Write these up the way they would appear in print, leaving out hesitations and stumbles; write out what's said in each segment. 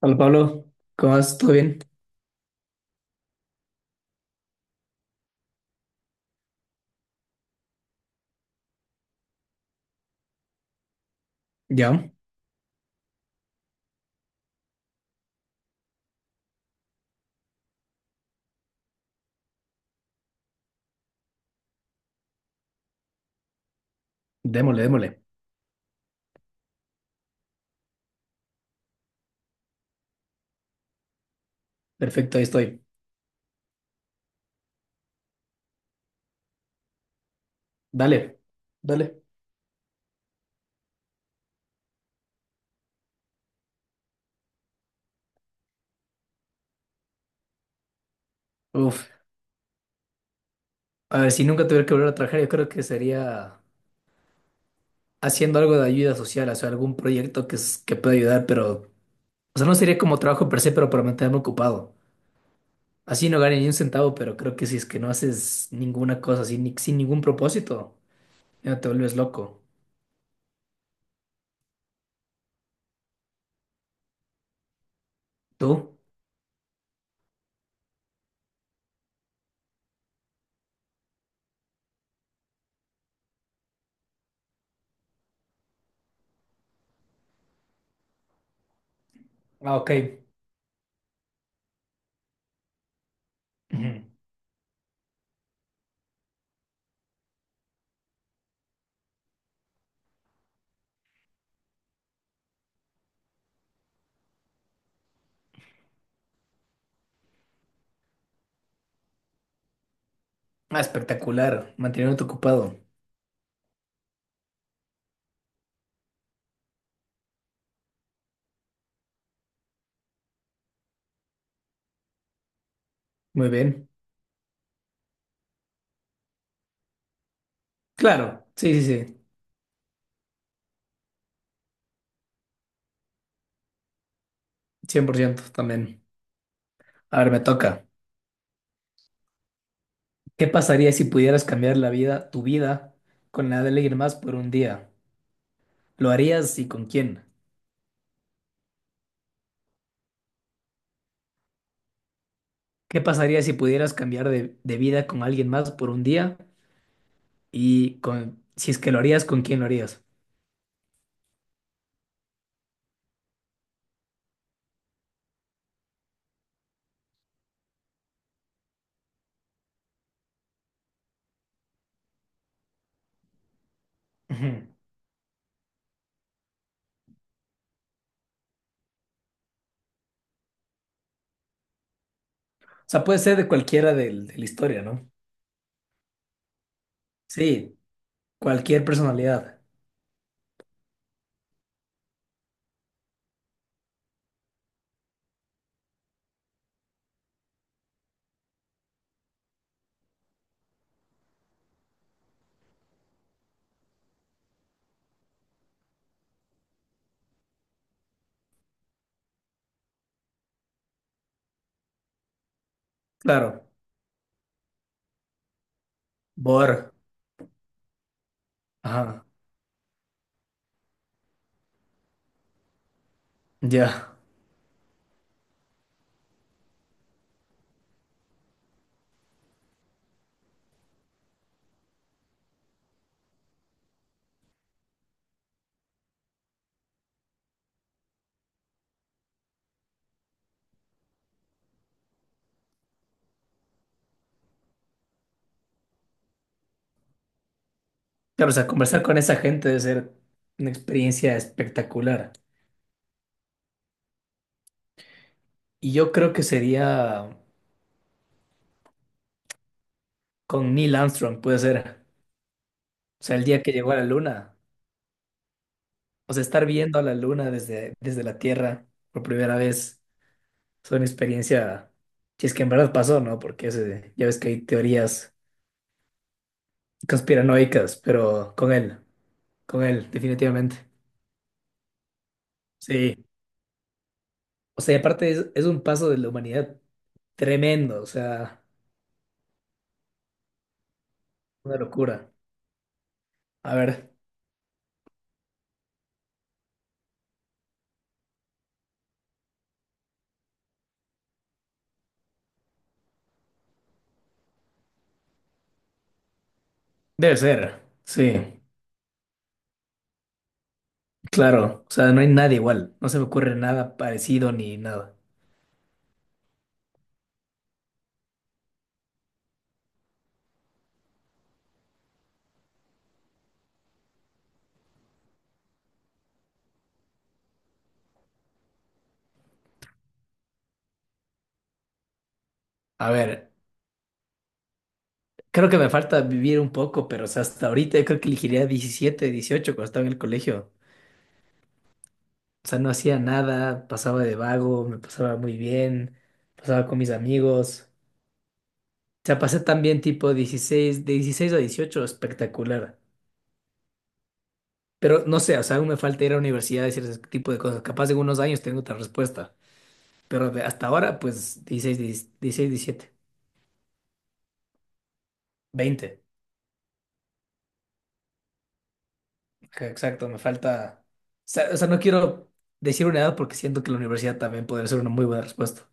Hola Pablo, ¿cómo vas? ¿Todo bien? Ya, démosle, démosle. Perfecto, ahí estoy. Dale, dale. Uf, a ver, si nunca tuviera que volver a trabajar, yo creo que sería haciendo algo de ayuda social, o sea, algún proyecto que pueda ayudar, pero, o sea, no sería como trabajo per se, pero para mantenerme ocupado. Así no gane ni un centavo, pero creo que si es que no haces ninguna cosa así, sin ningún propósito, ya te vuelves loco. ¿Tú? Ah, ok. Ujú. Ah, espectacular, mantenerte ocupado. Muy bien. Claro, sí, sí, sí. 100% también. A ver, me toca. ¿Qué pasaría si pudieras cambiar la vida, tu vida, con la de alguien más por un día? ¿Lo harías y con quién? ¿Qué pasaría si pudieras cambiar de vida con alguien más por un día? Y con, si es que lo harías, ¿con quién lo harías? Ujú. O sea, puede ser de cualquiera del- de la historia, ¿no? Sí, cualquier personalidad. Claro. Bor. Ajá. Ya. Claro, o sea, conversar con esa gente debe ser una experiencia espectacular. Y yo creo que sería. Con Neil Armstrong, puede ser. O sea, el día que llegó a la luna. O sea, estar viendo a la luna desde la Tierra por primera vez es una experiencia, si es que en verdad pasó, ¿no? Porque ya ves que hay teorías conspiranoicas, pero con él, definitivamente. Sí. O sea, y aparte es un paso de la humanidad tremendo, o sea, una locura. A ver, debe ser, sí, claro. O sea, no hay nada igual, no se me ocurre nada parecido ni nada. A ver. Creo que me falta vivir un poco, pero o sea, hasta ahorita yo creo que elegiría 17 18 cuando estaba en el colegio. O sea, no hacía nada, pasaba de vago, me pasaba muy bien, pasaba con mis amigos. O sea, pasé también tipo 16, de 16 a 18 espectacular. Pero no sé, o sea, aún me falta ir a la universidad y hacer ese tipo de cosas. Capaz en unos años tengo otra respuesta. Pero hasta ahora, pues 16, 16 17, 20. Ajá, exacto, me falta... o sea, no quiero decir una edad porque siento que la universidad también podría ser una muy buena respuesta.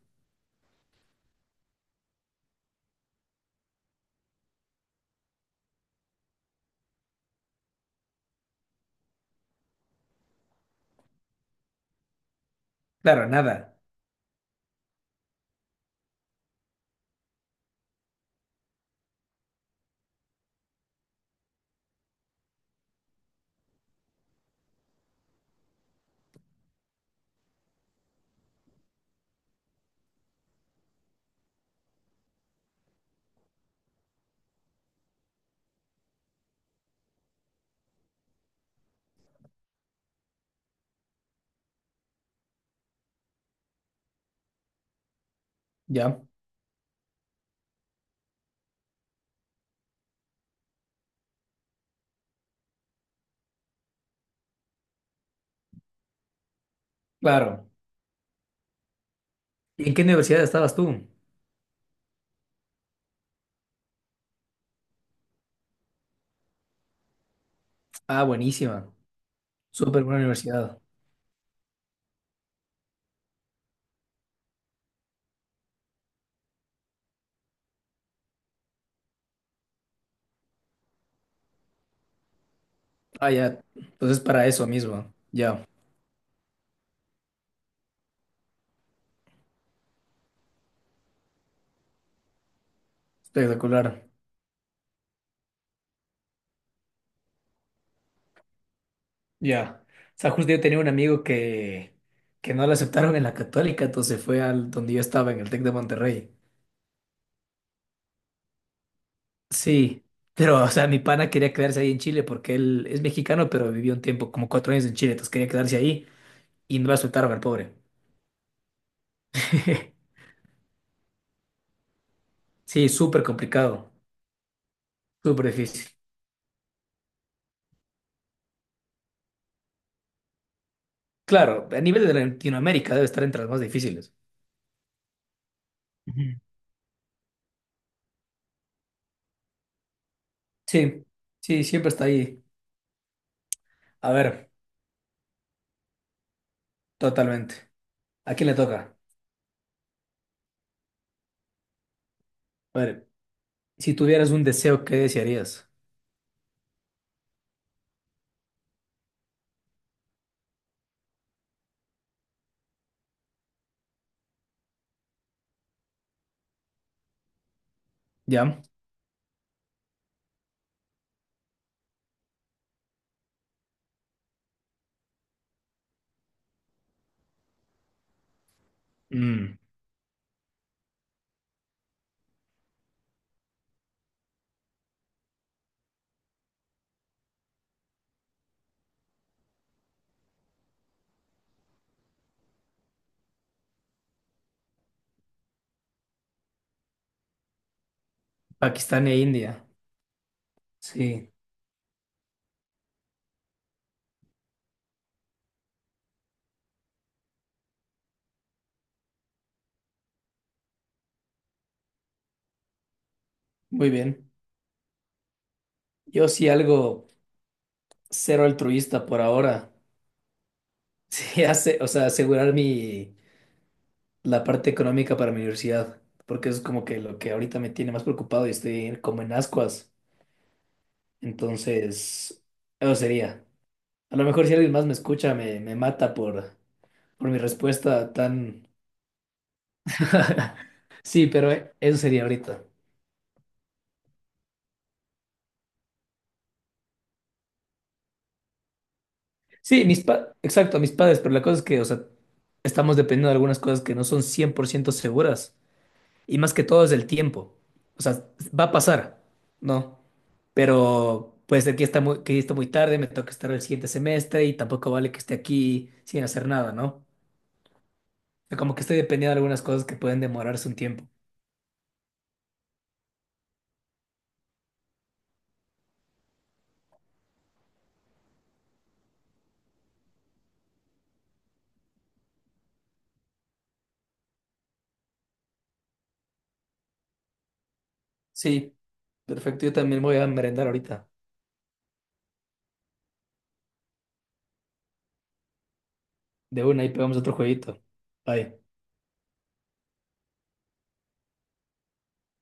Claro, nada. Ya, claro. ¿Y en qué universidad estabas tú? Ah, buenísima. Súper buena universidad. Ah, ya. Entonces, para eso mismo. Ya, espectacular. Ya. O sea, justo yo tenía un amigo que no lo aceptaron en la Católica, entonces fue al donde yo estaba, en el Tec de Monterrey. Sí, pero, o sea, mi pana quería quedarse ahí en Chile porque él es mexicano, pero vivió un tiempo, como 4 años en Chile, entonces quería quedarse ahí y no lo aceptaron al pobre. Sí, súper complicado, súper difícil. Claro, a nivel de Latinoamérica debe estar entre las más difíciles. Ujú. Sí, sí, siempre está ahí. A ver, totalmente. ¿A quién le toca? A ver, si tuvieras un deseo, ¿qué desearías? ¿Ya? Mm, Pakistán e India. Sí, muy bien. Yo sí algo cero altruista por ahora. Sí, hace, o sea, asegurar la parte económica para mi universidad, porque es como que lo que ahorita me tiene más preocupado y estoy como en ascuas. Entonces, eso sería. A lo mejor si alguien más me escucha, me mata por mi respuesta tan... Sí, pero eso sería ahorita. Sí, exacto, mis padres, pero la cosa es que, o sea, estamos dependiendo de algunas cosas que no son 100% seguras. Y más que todo es el tiempo. O sea, va a pasar, ¿no? Pero puede ser que está muy tarde, me toca estar el siguiente semestre y tampoco vale que esté aquí sin hacer nada, ¿no? O sea, como que estoy dependiendo de algunas cosas que pueden demorarse un tiempo. Sí. Perfecto, yo también voy a merendar ahorita. De una, ahí pegamos otro jueguito. Bye.